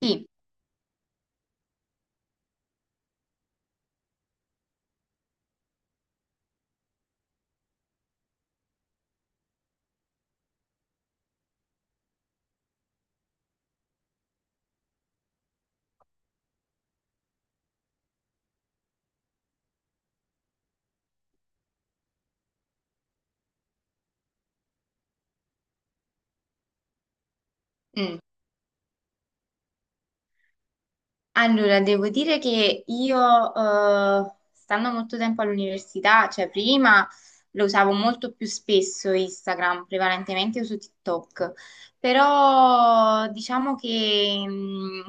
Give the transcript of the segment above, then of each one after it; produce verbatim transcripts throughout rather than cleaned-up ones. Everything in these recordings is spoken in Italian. Sì, mm. Allora devo dire che io, eh, stando molto tempo all'università, cioè prima lo usavo molto più spesso Instagram, prevalentemente uso TikTok, però diciamo che, mm,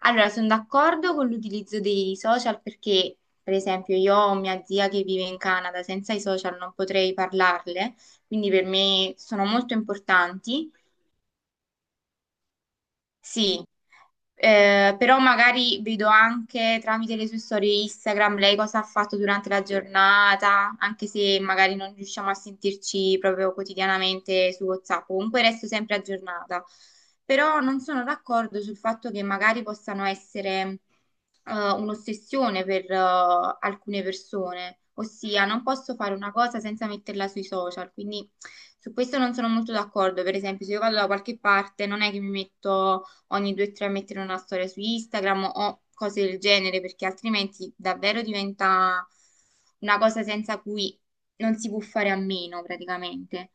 allora sono d'accordo con l'utilizzo dei social perché, per esempio, io ho mia zia che vive in Canada, senza i social non potrei parlarle, quindi per me sono molto importanti. Sì, eh, però magari vedo anche tramite le sue storie Instagram lei cosa ha fatto durante la giornata, anche se magari non riusciamo a sentirci proprio quotidianamente su WhatsApp, comunque resto sempre aggiornata. Però non sono d'accordo sul fatto che magari possano essere eh, un'ossessione per eh, alcune persone, ossia non posso fare una cosa senza metterla sui social, quindi su questo non sono molto d'accordo. Per esempio, se io vado da qualche parte, non è che mi metto ogni due o tre mettere una storia su Instagram o cose del genere, perché altrimenti davvero diventa una cosa senza cui non si può fare a meno praticamente.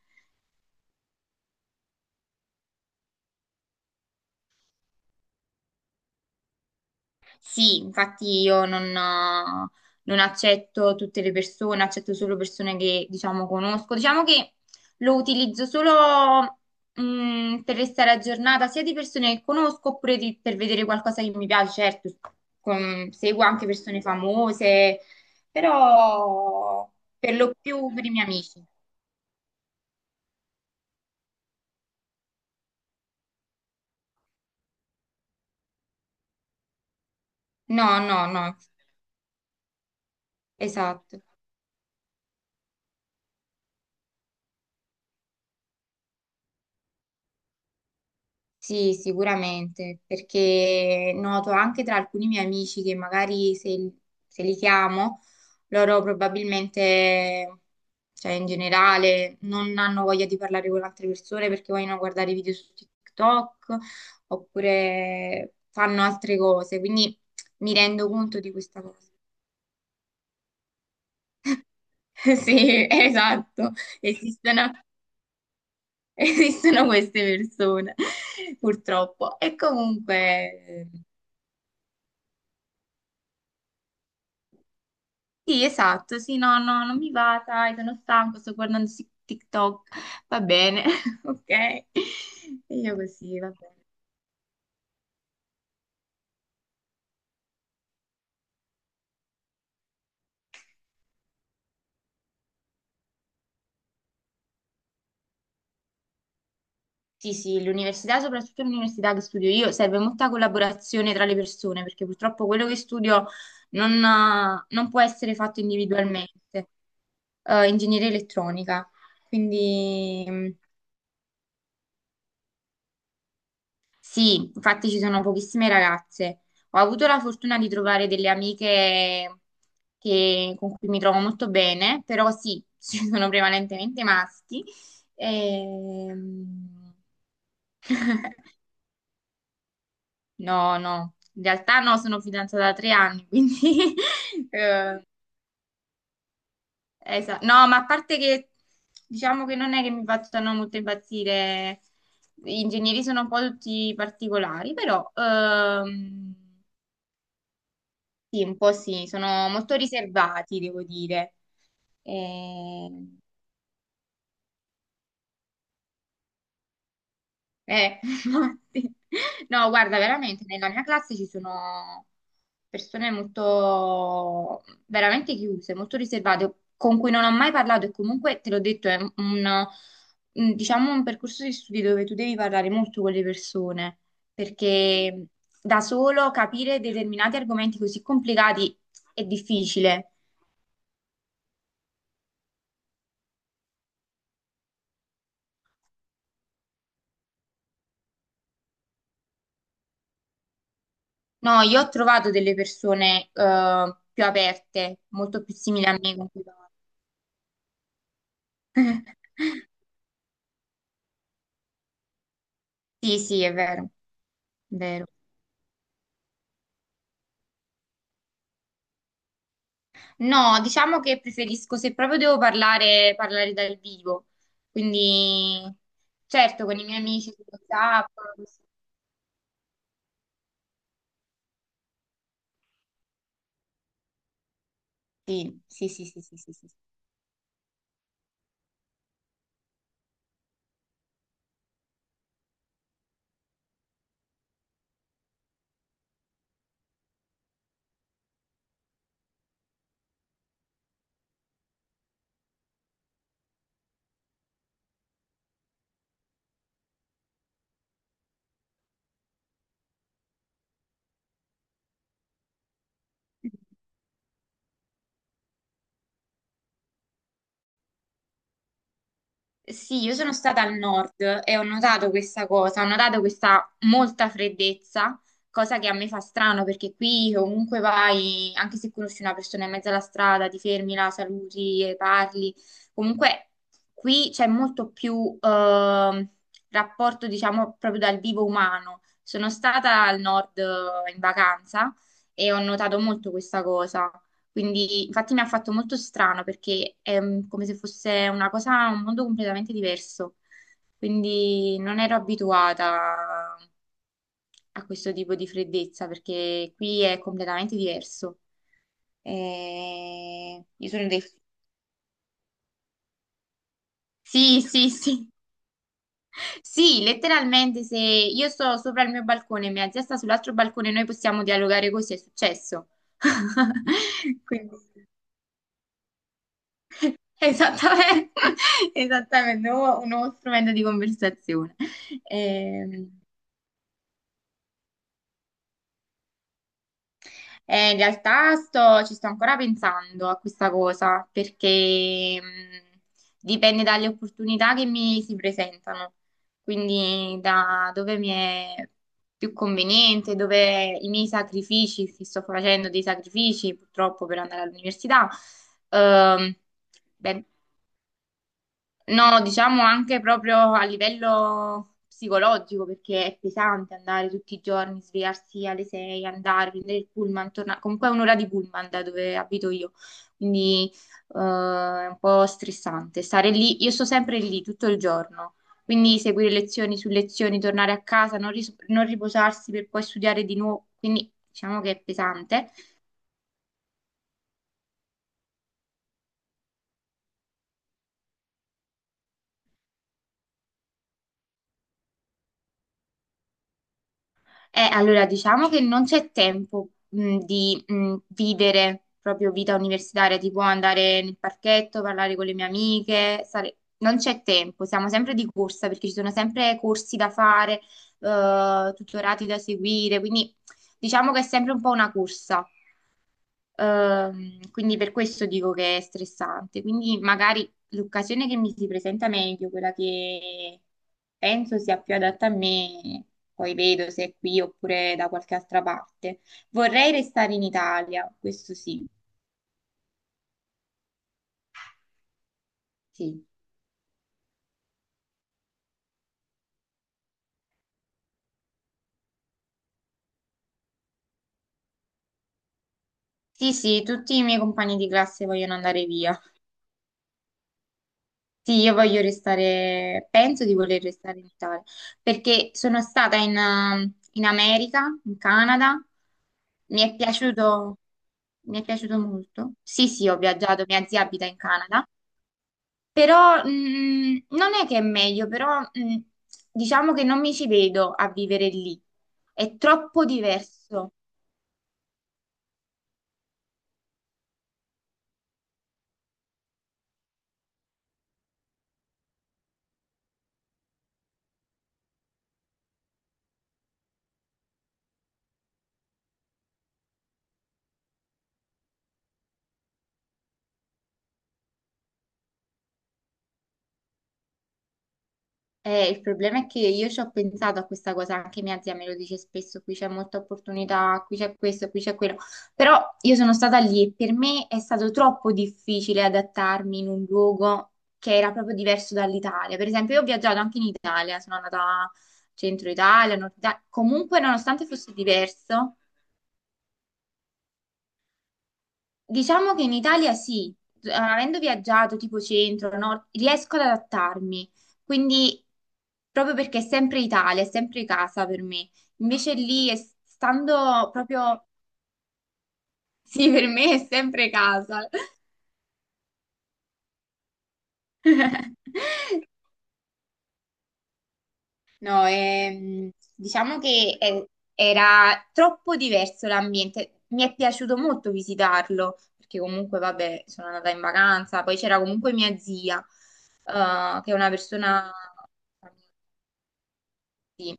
Sì, infatti io non, eh, non accetto tutte le persone, accetto solo persone che, diciamo, conosco. Diciamo che lo utilizzo solo, mh, per restare aggiornata, sia di persone che conosco oppure di- per vedere qualcosa che mi piace. Certo, con- seguo anche persone famose, però per lo più per i miei amici. No, no, no, esatto. Sì, sicuramente, perché noto anche tra alcuni miei amici che magari se, se li chiamo, loro probabilmente, cioè in generale, non hanno voglia di parlare con altre persone perché vogliono guardare video su TikTok oppure fanno altre cose, quindi mi rendo conto di questa cosa. Sì, esatto, esistono, esistono queste persone, purtroppo. E comunque. Sì, esatto, sì, no, no, non mi va, sai, sono stanco, sto guardando si- TikTok, va bene, ok? E io così, va bene. Sì, sì, l'università, soprattutto l'università che studio io, serve molta collaborazione tra le persone, perché purtroppo quello che studio non, eh, non può essere fatto individualmente. Eh, ingegneria elettronica, quindi. Mm. Sì, infatti ci sono pochissime ragazze. Ho avuto la fortuna di trovare delle amiche che- con cui mi trovo molto bene, però sì, ci sono prevalentemente maschi. Ehm, no, no, in realtà no, sono fidanzata da tre anni, quindi. eh, esa- No, ma a parte che diciamo che non è che mi facciano molto impazzire, gli ingegneri sono un po' tutti particolari, però. ehm, Sì, un po' sì, sono molto riservati, devo dire. Eh, eh, infatti. No, guarda, veramente, nella mia classe ci sono persone molto, veramente chiuse, molto riservate, con cui non ho mai parlato e comunque, te l'ho detto, è un, un, diciamo, un percorso di studi dove tu devi parlare molto con le persone, perché da solo capire determinati argomenti così complicati è difficile. No, io ho trovato delle persone eh, più aperte, molto più simili a me, con cui parlo. Sì, sì, è vero, è vero. No, diciamo che preferisco, se proprio devo parlare, parlare dal vivo. Quindi, certo, con i miei amici su WhatsApp. Sì, sì, sì, sì, sì, sì, sì. Sì, io sono stata al nord e ho notato questa cosa, ho notato questa molta freddezza, cosa che a me fa strano perché qui ovunque vai, anche se conosci una persona in mezzo alla strada, ti fermi, la saluti e parli. Comunque qui c'è molto più ehm, rapporto, diciamo, proprio dal vivo umano. Sono stata al nord eh, in vacanza e ho notato molto questa cosa. Quindi, infatti, mi ha fatto molto strano perché è mm, come se fosse una cosa, un mondo completamente diverso. Quindi, non ero abituata a questo tipo di freddezza perché qui è completamente diverso. Eh, io sono dei. Sì, sì, sì. Sì, letteralmente, se io sto sopra il mio balcone e mia zia sta sull'altro balcone, noi possiamo dialogare così, è successo. Quindi, esattamente, esattamente, un nuovo, un nuovo strumento di conversazione. Ehm, eh, in realtà sto- ci sto ancora pensando a questa cosa perché mh, dipende dalle opportunità che mi si presentano, quindi da dove mi è più conveniente, dove i miei sacrifici, se sto facendo dei sacrifici purtroppo per andare all'università. Ehm, ben No, diciamo anche proprio a livello psicologico, perché è pesante andare tutti i giorni, svegliarsi alle sei, andare, prendere il pullman, tornare. Comunque è un'ora di pullman da dove abito io, quindi eh, è un po' stressante stare lì. Io sto sempre lì tutto il giorno, quindi seguire lezioni su lezioni, tornare a casa, non, ris- non riposarsi per poi studiare di nuovo, quindi diciamo che è pesante. Eh, allora, diciamo che non c'è tempo, mh, di, mh, vivere proprio vita universitaria, tipo andare nel parchetto, parlare con le mie amiche, stare- non c'è tempo, siamo sempre di corsa perché ci sono sempre corsi da fare, eh, tutorati da seguire, quindi diciamo che è sempre un po' una corsa. Ehm, quindi per questo dico che è stressante. Quindi magari l'occasione che mi si presenta meglio, quella che penso sia più adatta a me, poi vedo se è qui oppure da qualche altra parte. Vorrei restare in Italia, questo sì. Sì, sì, sì, tutti i miei compagni di classe vogliono andare via. Sì, io voglio restare, penso di voler restare in Italia, perché sono stata in, um, in America, in Canada, mi è piaciuto, mi è piaciuto molto. Sì, sì, ho viaggiato, mia zia abita in Canada, però mh, non è che è meglio, però mh, diciamo che non mi ci vedo a vivere lì, è troppo diverso. Eh, il problema è che io ci ho pensato a questa cosa, anche mia zia me lo dice spesso, qui c'è molta opportunità, qui c'è questo, qui c'è quello, però io sono stata lì e per me è stato troppo difficile adattarmi in un luogo che era proprio diverso dall'Italia. Per esempio, io ho viaggiato anche in Italia, sono andata a centro Italia, nord Italia, comunque nonostante fosse diverso, diciamo che in Italia sì, eh, avendo viaggiato tipo centro, nord, riesco ad adattarmi, quindi proprio perché è sempre Italia, è sempre casa per me. Invece lì, è- stando proprio, sì, per me è sempre casa. No, ehm, diciamo che eh, era troppo diverso l'ambiente. Mi è piaciuto molto visitarlo, perché comunque, vabbè, sono andata in vacanza, poi c'era comunque mia zia, eh, che è una persona. Sì,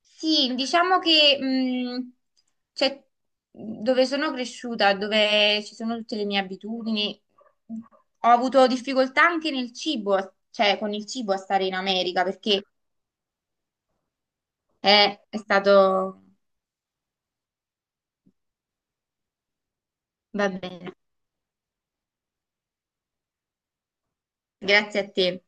sì, diciamo che mh, cioè, dove sono cresciuta, dove ci sono tutte le mie abitudini, ho avuto difficoltà anche nel cibo, cioè con il cibo a stare in America, perché è è stato. Va bene, grazie a te.